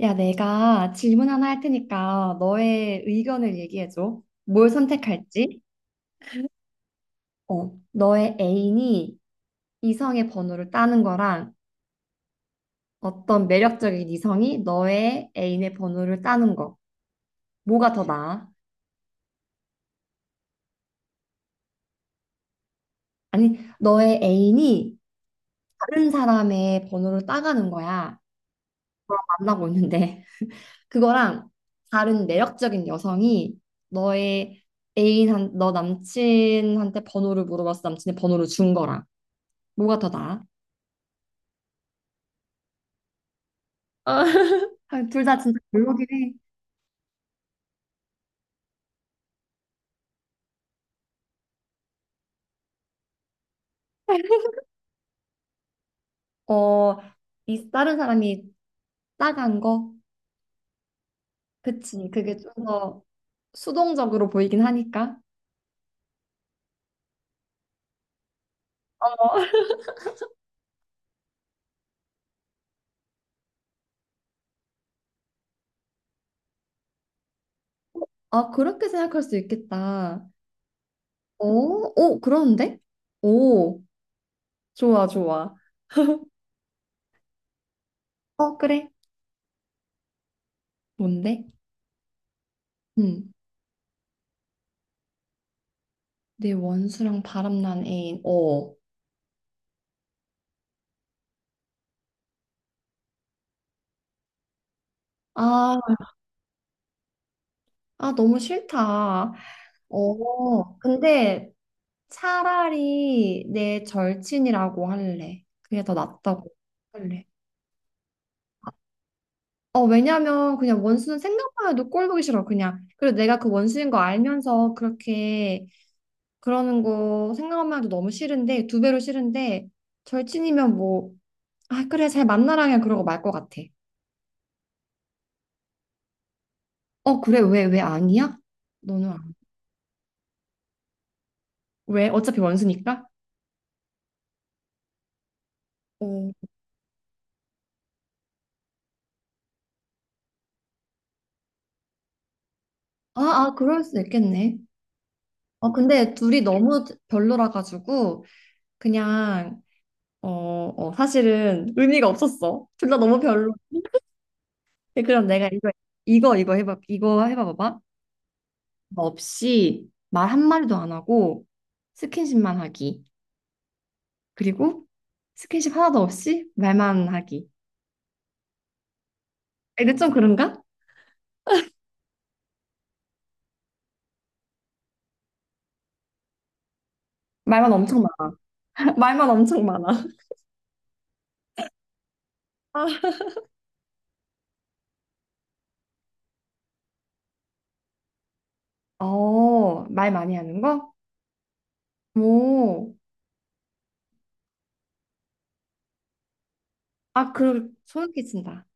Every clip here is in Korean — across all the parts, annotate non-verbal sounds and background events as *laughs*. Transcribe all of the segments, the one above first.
야, 내가 질문 하나 할 테니까 너의 의견을 얘기해줘. 뭘 선택할지? 어, 너의 애인이 이성의 번호를 따는 거랑 어떤 매력적인 이성이 너의 애인의 번호를 따는 거. 뭐가 더 나아? 아니, 너의 애인이 다른 사람의 번호를 따가는 거야. 만나고 있는데. 그거랑 다른 매력적인 여성이 너의 너 남친한테 번호를 물어봤어. 남친의 번호를 준 거랑. 뭐가 더 나아? 어, 둘 다 진짜 별로긴 해. 어, 이 다른 사람이 따간 거? 그치. 그게 좀 더 수동적으로 보이긴 하니까. 어. 아, 그렇게 생각할 수 있겠다. 어? 오, 그런데? 오, 좋아, 좋아. 어, 그래. 뭔데? 응. 내 원수랑 바람난 애인. 어. 아, 아, 너무 싫다. 어, 근데 차라리 내 절친이라고 할래. 그게 더 낫다고 할래. 어, 왜냐면 그냥 원수는 생각만 해도 꼴 보기 싫어, 그냥. 그리고 내가 그 원수인 거 알면서 그렇게 그러는 거 생각만 해도 너무 싫은데, 두 배로 싫은데, 절친이면 뭐, 아, 그래, 잘 만나라 그냥 그러고 말 것 같아. 어, 그래, 왜 아니야? 너는 안- 왜? 어차피 원수니까? 어. 아, 아, 그럴 수 있겠네. 어, 근데 둘이 너무 별로라 가지고, 그냥 어, 어, 사실은 의미가 없었어. 둘 다 너무 별로. 근데 그럼 내가 이거 해봐, 이거 해봐봐봐. 뭐 없이 말 한마디도 안 하고 스킨십만 하기. 그리고 스킨십 하나도 없이 말만 하기. 근데 좀 그런가? 말만 엄청 많아. *laughs* 말만 엄청 많아. 아, 어, 말 많이 하는 거? 오, 아, 그, 소름 끼친다.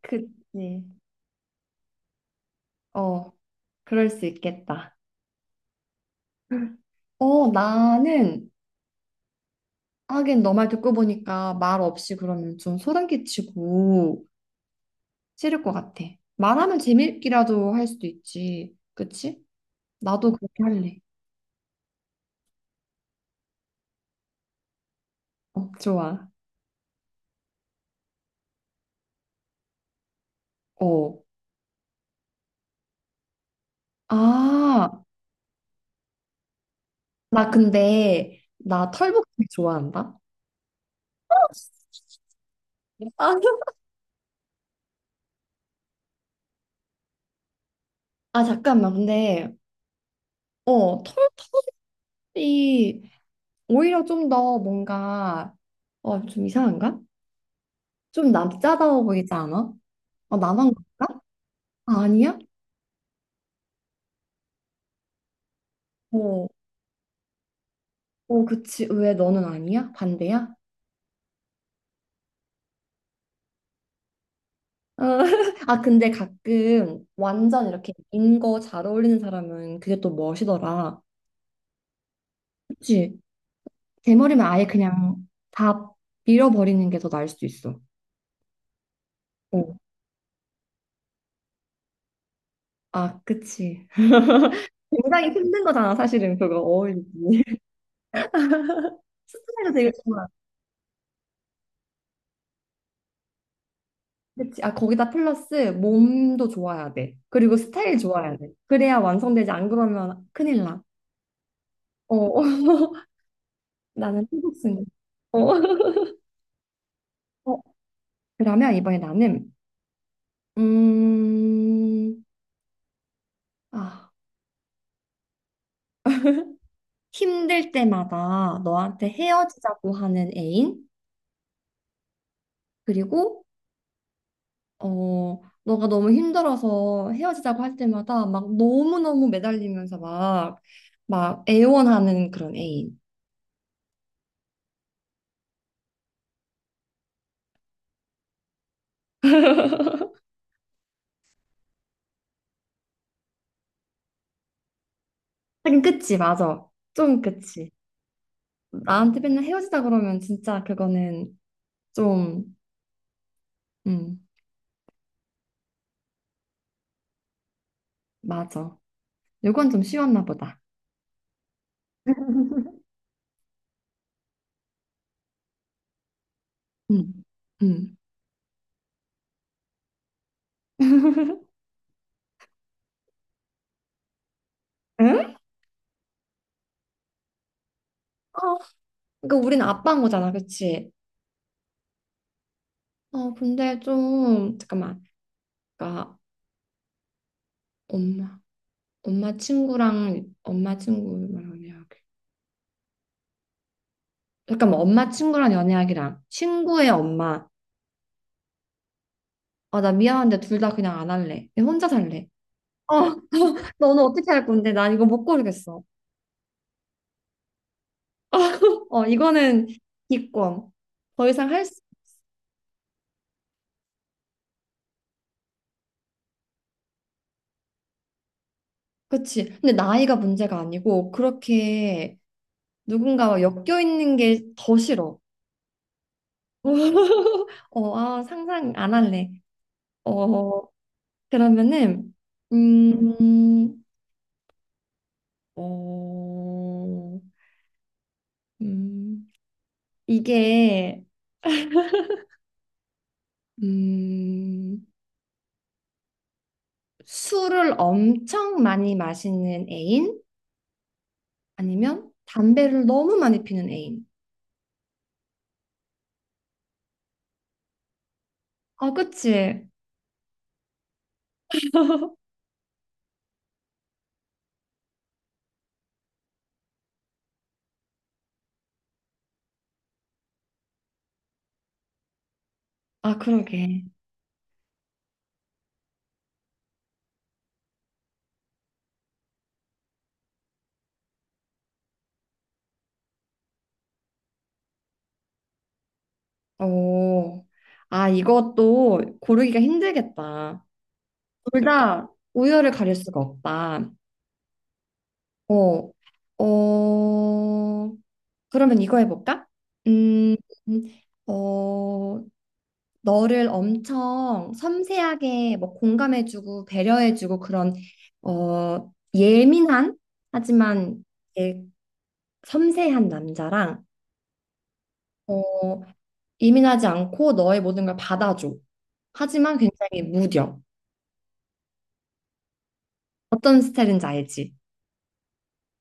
그치. 어, 그럴 수 있겠다. 어, 나는 하긴 너 말 듣고 보니까 말 없이 그러면 좀 소름 끼치고 싫을 것 같아. 말하면 재밌기라도 할 수도 있지. 그치? 나도 그렇게 할래. 어, 좋아. 어. 아, 나 근데 나 털복숭이 좋아한다. 아, 아, 잠깐만. 근데 어, 털털이 오히려 좀 더 뭔가 어, 좀 이상한가? 좀 남자다워 보이지 않아? 어, 나만 그런가? 아, 아니야? 어. 어, 그치. 왜 너는 아니야? 반대야? 어, *laughs* 아, 근데 가끔 완전 이렇게 긴 거 잘 어울리는 사람은 그게 또 멋이더라. 그치? 대머리면 아예 그냥 다 밀어버리는 게 더 나을 수도 있어. 어, 아, 그치. 굉장히 힘든 거잖아, 사실은 그거 어울리기. *laughs* 스타일도 되게 좋아. 그치? 아, 거기다 플러스 몸도 좋아야 돼. 그리고 스타일 좋아야 돼. 그래야 완성되지. 안 그러면 큰일 나. 어, *laughs* 나는 피복숭이. 어. *laughs* 그러면 이번에 나는, 음, 아, 힘들 때마다 너한테 헤어지자고 하는 애인, 그리고, 어, 너가 너무 힘들어서 헤어지자고 할 때마다 막 너무너무 매달리면서 막 애원하는 그런 애인. 하긴, 그치, 맞아. 좀 그치. 나한테 맨날 헤어지자 그러면 진짜 그거는 좀, 음, 맞아. 요건 좀 쉬웠나 보다. *laughs* 음, 음. 응? 어, 그러니까 우리는 아빠인 거잖아, 그치? 어, 근데 좀 잠깐만. 그러니까 엄마, 엄마 친구랑 연애하기. 잠깐만, 엄마 친구랑 연애하기랑 친구의 엄마. 아, 나 미안한데 둘 다 그냥 안 할래. 그냥 혼자 살래. 어, *laughs* 너는 어떻게 할 건데? 난 이거 못 고르겠어. 어, 이거는 기권. 더 이상 할 수, 그치. 근데 나이가 문제가 아니고, 그렇게 누군가와 엮여 있는 게 더 싫어. *laughs* 어, 아, 상상 안 할래. 어, 그러면은, 음, 어, 음, 이게, 음, 술을 엄청 많이 마시는 애인? 아니면 담배를 너무 많이 피는 애인? 아, 그치? *laughs* 아, 그러게. 오, 아, 이것도 고르기가 힘들겠다. 둘 다 우열을 가릴 수가 없다. 어, 어, 그러면 이거 해볼까? 음, 어, 너를 엄청 섬세하게 뭐 공감해주고 배려해주고 그런 어, 예민한 하지만 이 섬세한 남자랑 어, 예민하지 않고 너의 모든 걸 받아줘. 하지만 굉장히 무뎌. 어떤 스타일인지 알지?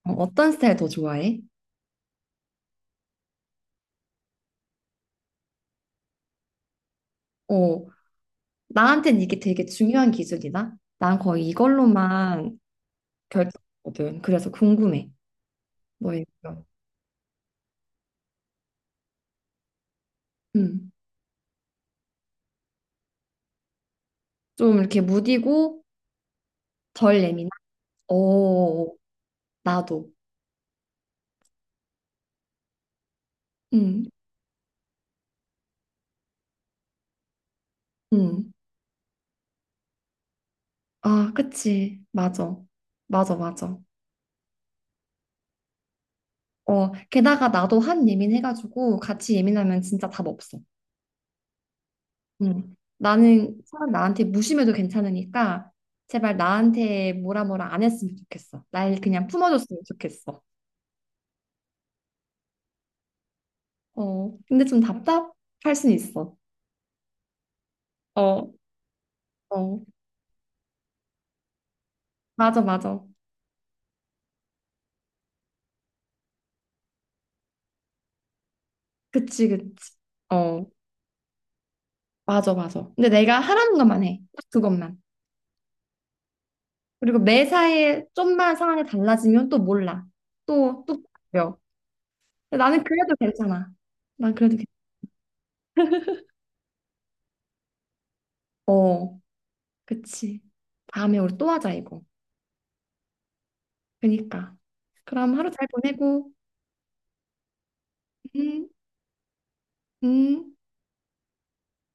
어, 어떤 스타일 더 좋아해? 어, 나한테는 이게 되게 중요한 기준이다. 난 거의 이걸로만 결정하거든. 그래서 궁금해. 너의 의견. 음. 좀 이렇게 무디고 덜 예민한? 오, 나도. 음, 음. 아, 그치. 맞아. 맞아, 맞아. 어, 게다가 나도 한 예민해가지고 같이 예민하면 진짜 답 없어. 음. 나는 사람 나한테 무심해도 괜찮으니까 제발 나한테 뭐라 뭐라 안 했으면 좋겠어. 날 그냥 품어줬으면 좋겠어. 어, 근데 좀 답답할 순 있어. 어, 어, 맞아, 맞아. 그치, 그치. 어, 맞아, 맞아. 근데 내가 하라는 것만 해. 딱 그것만. 그리고 매사에 좀만 상황이 달라지면 또 몰라. 또, 또 바뀌어. 근데 나는 그래도 괜찮아. 난 그래도 괜찮아. 어, 그치. 다음에 우리 또 하자, 이거. 그니까. 그럼 하루 잘 보내고. 음, 음.